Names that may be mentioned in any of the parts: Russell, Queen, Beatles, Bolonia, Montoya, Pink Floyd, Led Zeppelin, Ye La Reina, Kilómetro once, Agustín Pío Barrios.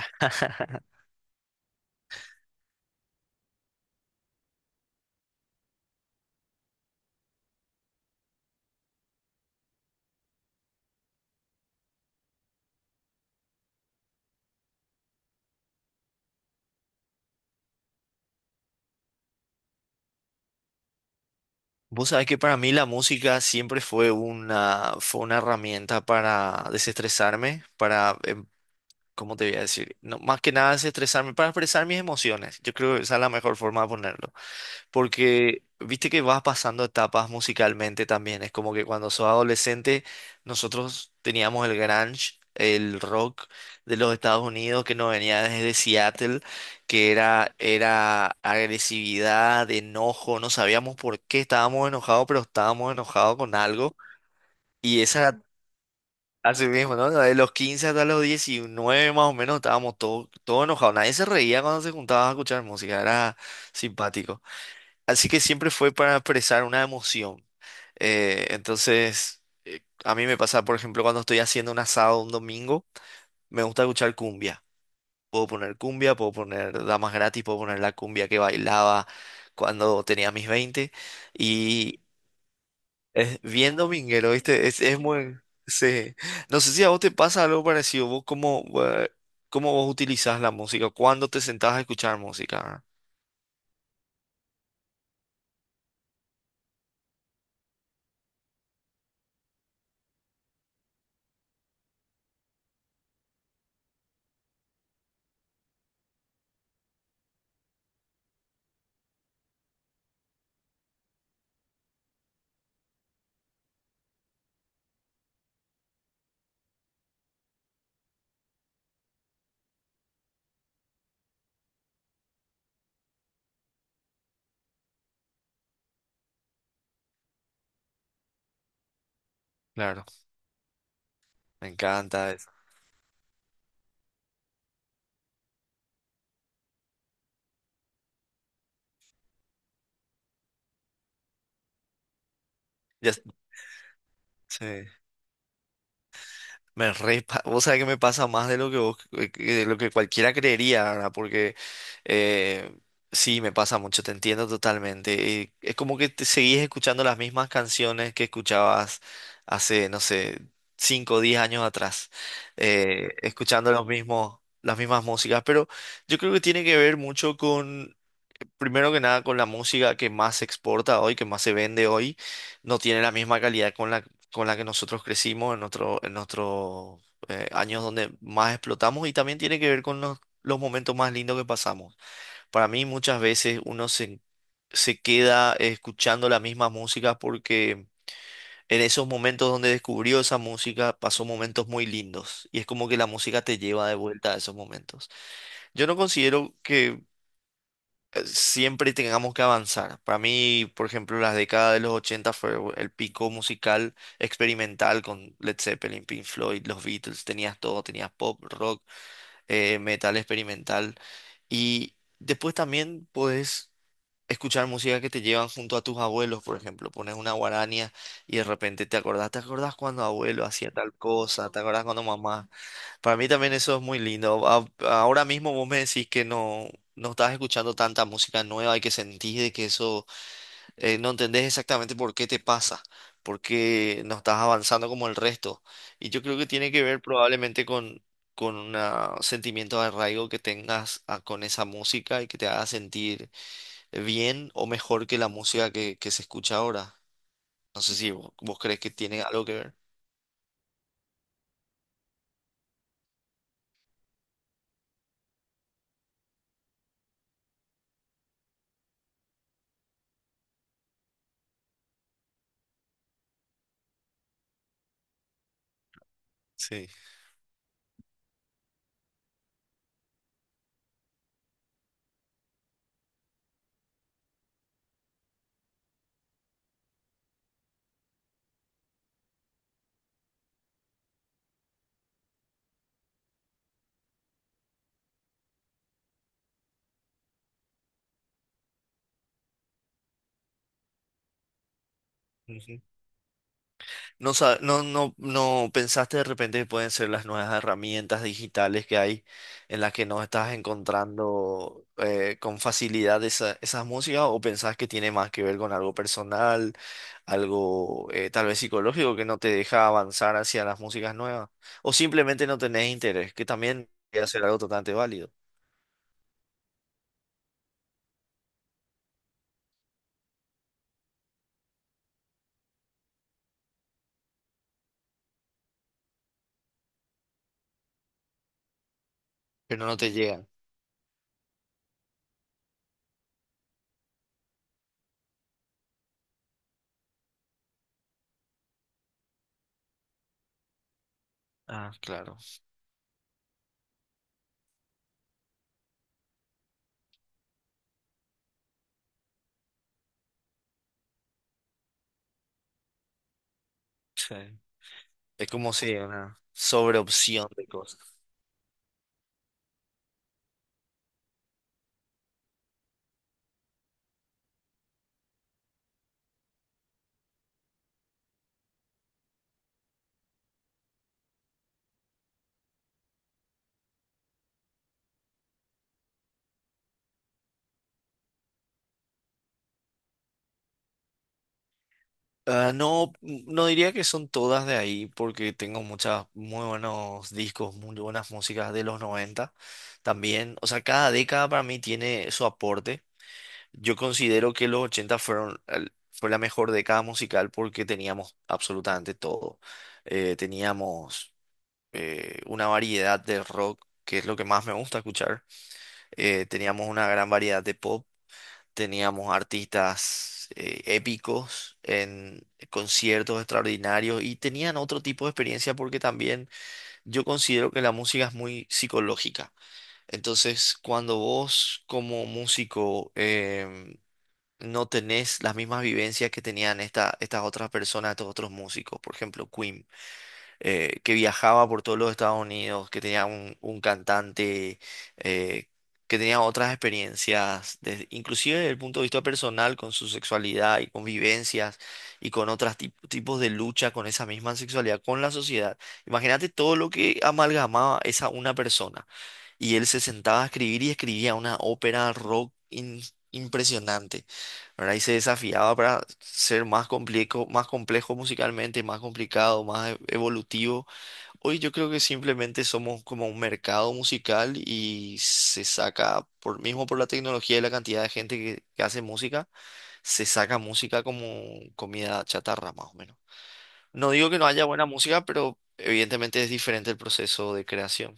Vos sabés que para mí la música siempre fue una herramienta para desestresarme, para, ¿cómo te voy a decir? No, más que nada desestresarme, para expresar mis emociones. Yo creo que esa es la mejor forma de ponerlo. Porque viste que vas pasando etapas musicalmente también. Es como que cuando sos adolescente, nosotros teníamos el grunge, el rock de los Estados Unidos que nos venía desde Seattle, que era agresividad, enojo. No sabíamos por qué estábamos enojados, pero estábamos enojados con algo. Y esa era así mismo, ¿no? De los 15 hasta los 19 más o menos estábamos todos todo enojados. Nadie se reía cuando se juntaba a escuchar música. Era simpático. Así que siempre fue para expresar una emoción. Entonces, a mí me pasa, por ejemplo, cuando estoy haciendo un asado un domingo, me gusta escuchar cumbia. Puedo poner cumbia, puedo poner damas gratis, puedo poner la cumbia que bailaba cuando tenía mis 20. Y es bien dominguero, ¿viste? Es muy... Sí. No sé si a vos te pasa algo parecido. ¿ Cómo vos utilizás la música? ¿Cuándo te sentás a escuchar música? ¿Verdad? Claro, me encanta eso. Ya, sí. Vos sabés que me pasa más de lo que vos, de lo que cualquiera creería, ¿verdad? Porque eh, sí, me pasa mucho, te entiendo totalmente. Y es como que te seguís escuchando las mismas canciones que escuchabas hace, no sé, 5 o 10 años atrás, escuchando los mismos, las mismas músicas, pero yo creo que tiene que ver mucho primero que nada, con la música que más se exporta hoy, que más se vende hoy, no tiene la misma calidad con la que nosotros crecimos en nuestro, en nuestros años donde más explotamos y también tiene que ver con los momentos más lindos que pasamos. Para mí muchas veces se queda escuchando la misma música porque... En esos momentos donde descubrió esa música, pasó momentos muy lindos y es como que la música te lleva de vuelta a esos momentos. Yo no considero que siempre tengamos que avanzar. Para mí, por ejemplo, las décadas de los 80 fue el pico musical experimental con Led Zeppelin, Pink Floyd, los Beatles, tenías todo, tenías pop, rock, metal experimental. Y después también puedes escuchar música que te llevan junto a tus abuelos, por ejemplo. Pones una guarania y de repente ¿te acordás cuando abuelo hacía tal cosa? ¿Te acordás cuando mamá? Para mí también eso es muy lindo. Ahora mismo vos me decís que no, no estás escuchando tanta música nueva y que sentís de que eso no entendés exactamente por qué te pasa, por qué no estás avanzando como el resto. Y yo creo que tiene que ver probablemente con, un sentimiento de arraigo que tengas con esa música y que te haga sentir bien o mejor que la música que se escucha ahora. No sé si vos, vos crees que tiene algo que ver. Sí. No, no pensaste de repente que pueden ser las nuevas herramientas digitales que hay en las que no estás encontrando con facilidad esas músicas o pensás que tiene más que ver con algo personal, algo tal vez psicológico que no te deja avanzar hacia las músicas nuevas o simplemente no tenés interés, que también puede ser algo totalmente válido, pero no te llegan. Ah, claro. Sí. Es como si una sobreopción de cosas. Ah, no, no diría que son todas de ahí, porque tengo muchas muy buenos discos, muy buenas músicas de los 90 también. O sea, cada década para mí tiene su aporte. Yo considero que los 80 fueron, fue la mejor década musical porque teníamos absolutamente todo. Teníamos una variedad de rock, que es lo que más me gusta escuchar. Teníamos una gran variedad de pop. Teníamos artistas épicos en conciertos extraordinarios y tenían otro tipo de experiencia porque también yo considero que la música es muy psicológica. Entonces, cuando vos como músico no tenés las mismas vivencias que tenían estas otras personas, estos otros músicos, por ejemplo, Queen, que viajaba por todos los Estados Unidos, que tenía un cantante, eh, que tenía otras experiencias, inclusive desde el punto de vista personal, con su sexualidad y con vivencias y con otros tipos de lucha con esa misma sexualidad, con la sociedad. Imagínate todo lo que amalgamaba esa una persona. Y él se sentaba a escribir y escribía una ópera rock impresionante, ¿verdad? Y se desafiaba para ser más complejo musicalmente, más complicado, evolutivo. Hoy yo creo que simplemente somos como un mercado musical y se saca, por, mismo por la tecnología y la cantidad de gente que hace música, se saca música como comida chatarra, más o menos. No digo que no haya buena música, pero evidentemente es diferente el proceso de creación.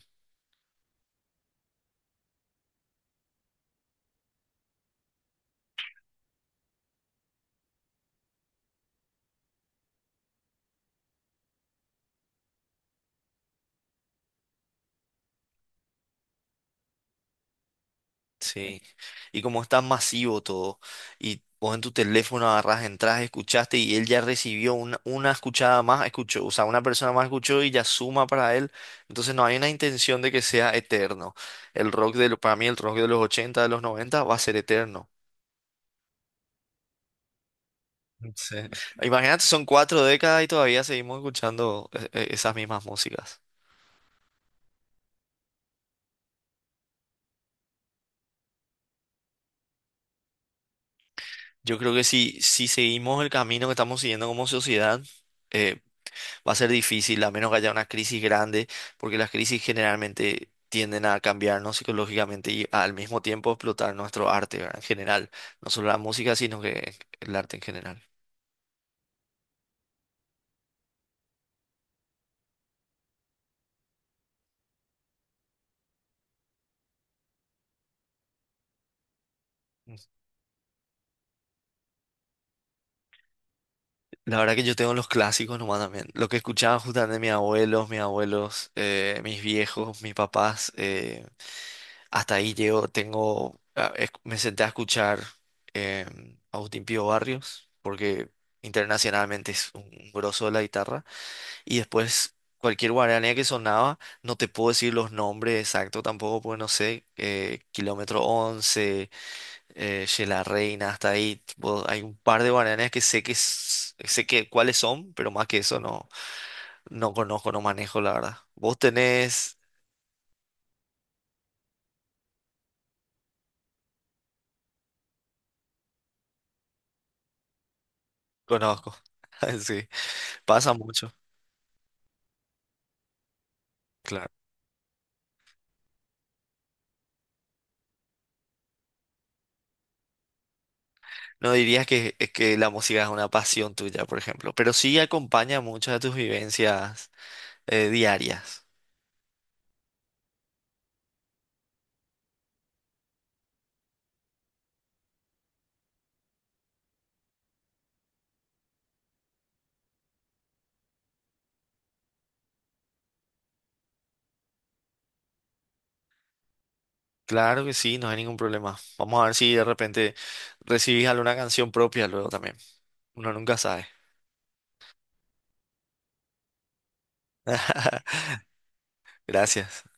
Sí, y como es tan masivo todo, y vos en tu teléfono agarrás, entras, escuchaste y él ya recibió una escuchada más, escuchó, o sea, una persona más escuchó y ya suma para él, entonces no hay una intención de que sea eterno. El rock de, lo- Para mí el rock de los 80 de los 90 va a ser eterno. Sí. Imagínate, son 4 décadas y todavía seguimos escuchando esas mismas músicas. Yo creo que si seguimos el camino que estamos siguiendo como sociedad, eh, va a ser difícil, a menos que haya una crisis grande, porque las crisis generalmente tienden a cambiarnos psicológicamente y al mismo tiempo explotar nuestro arte, ¿verdad? En general, no solo la música, sino que el arte en general. La verdad que yo tengo los clásicos nomás también. Lo que escuchaba justamente mis viejos, mis papás. Hasta ahí llego, tengo, me senté a escuchar eh, Agustín Pío Barrios, porque internacionalmente es un grosso de la guitarra. Y después cualquier guaranía que sonaba, no te puedo decir los nombres exactos tampoco, pues no sé, Kilómetro 11, Ye La Reina, hasta ahí. Tipo, hay un par de guaranías que sé que cuáles son, pero más que eso no, no conozco, no manejo, la verdad. Vos tenés, conozco. Sí, pasa mucho. Claro. No dirías que, es que la música es una pasión tuya, por ejemplo, pero sí acompaña muchas de tus vivencias diarias. Claro que sí, no hay ningún problema. Vamos a ver si de repente recibís alguna canción propia luego también. Uno nunca sabe. Gracias.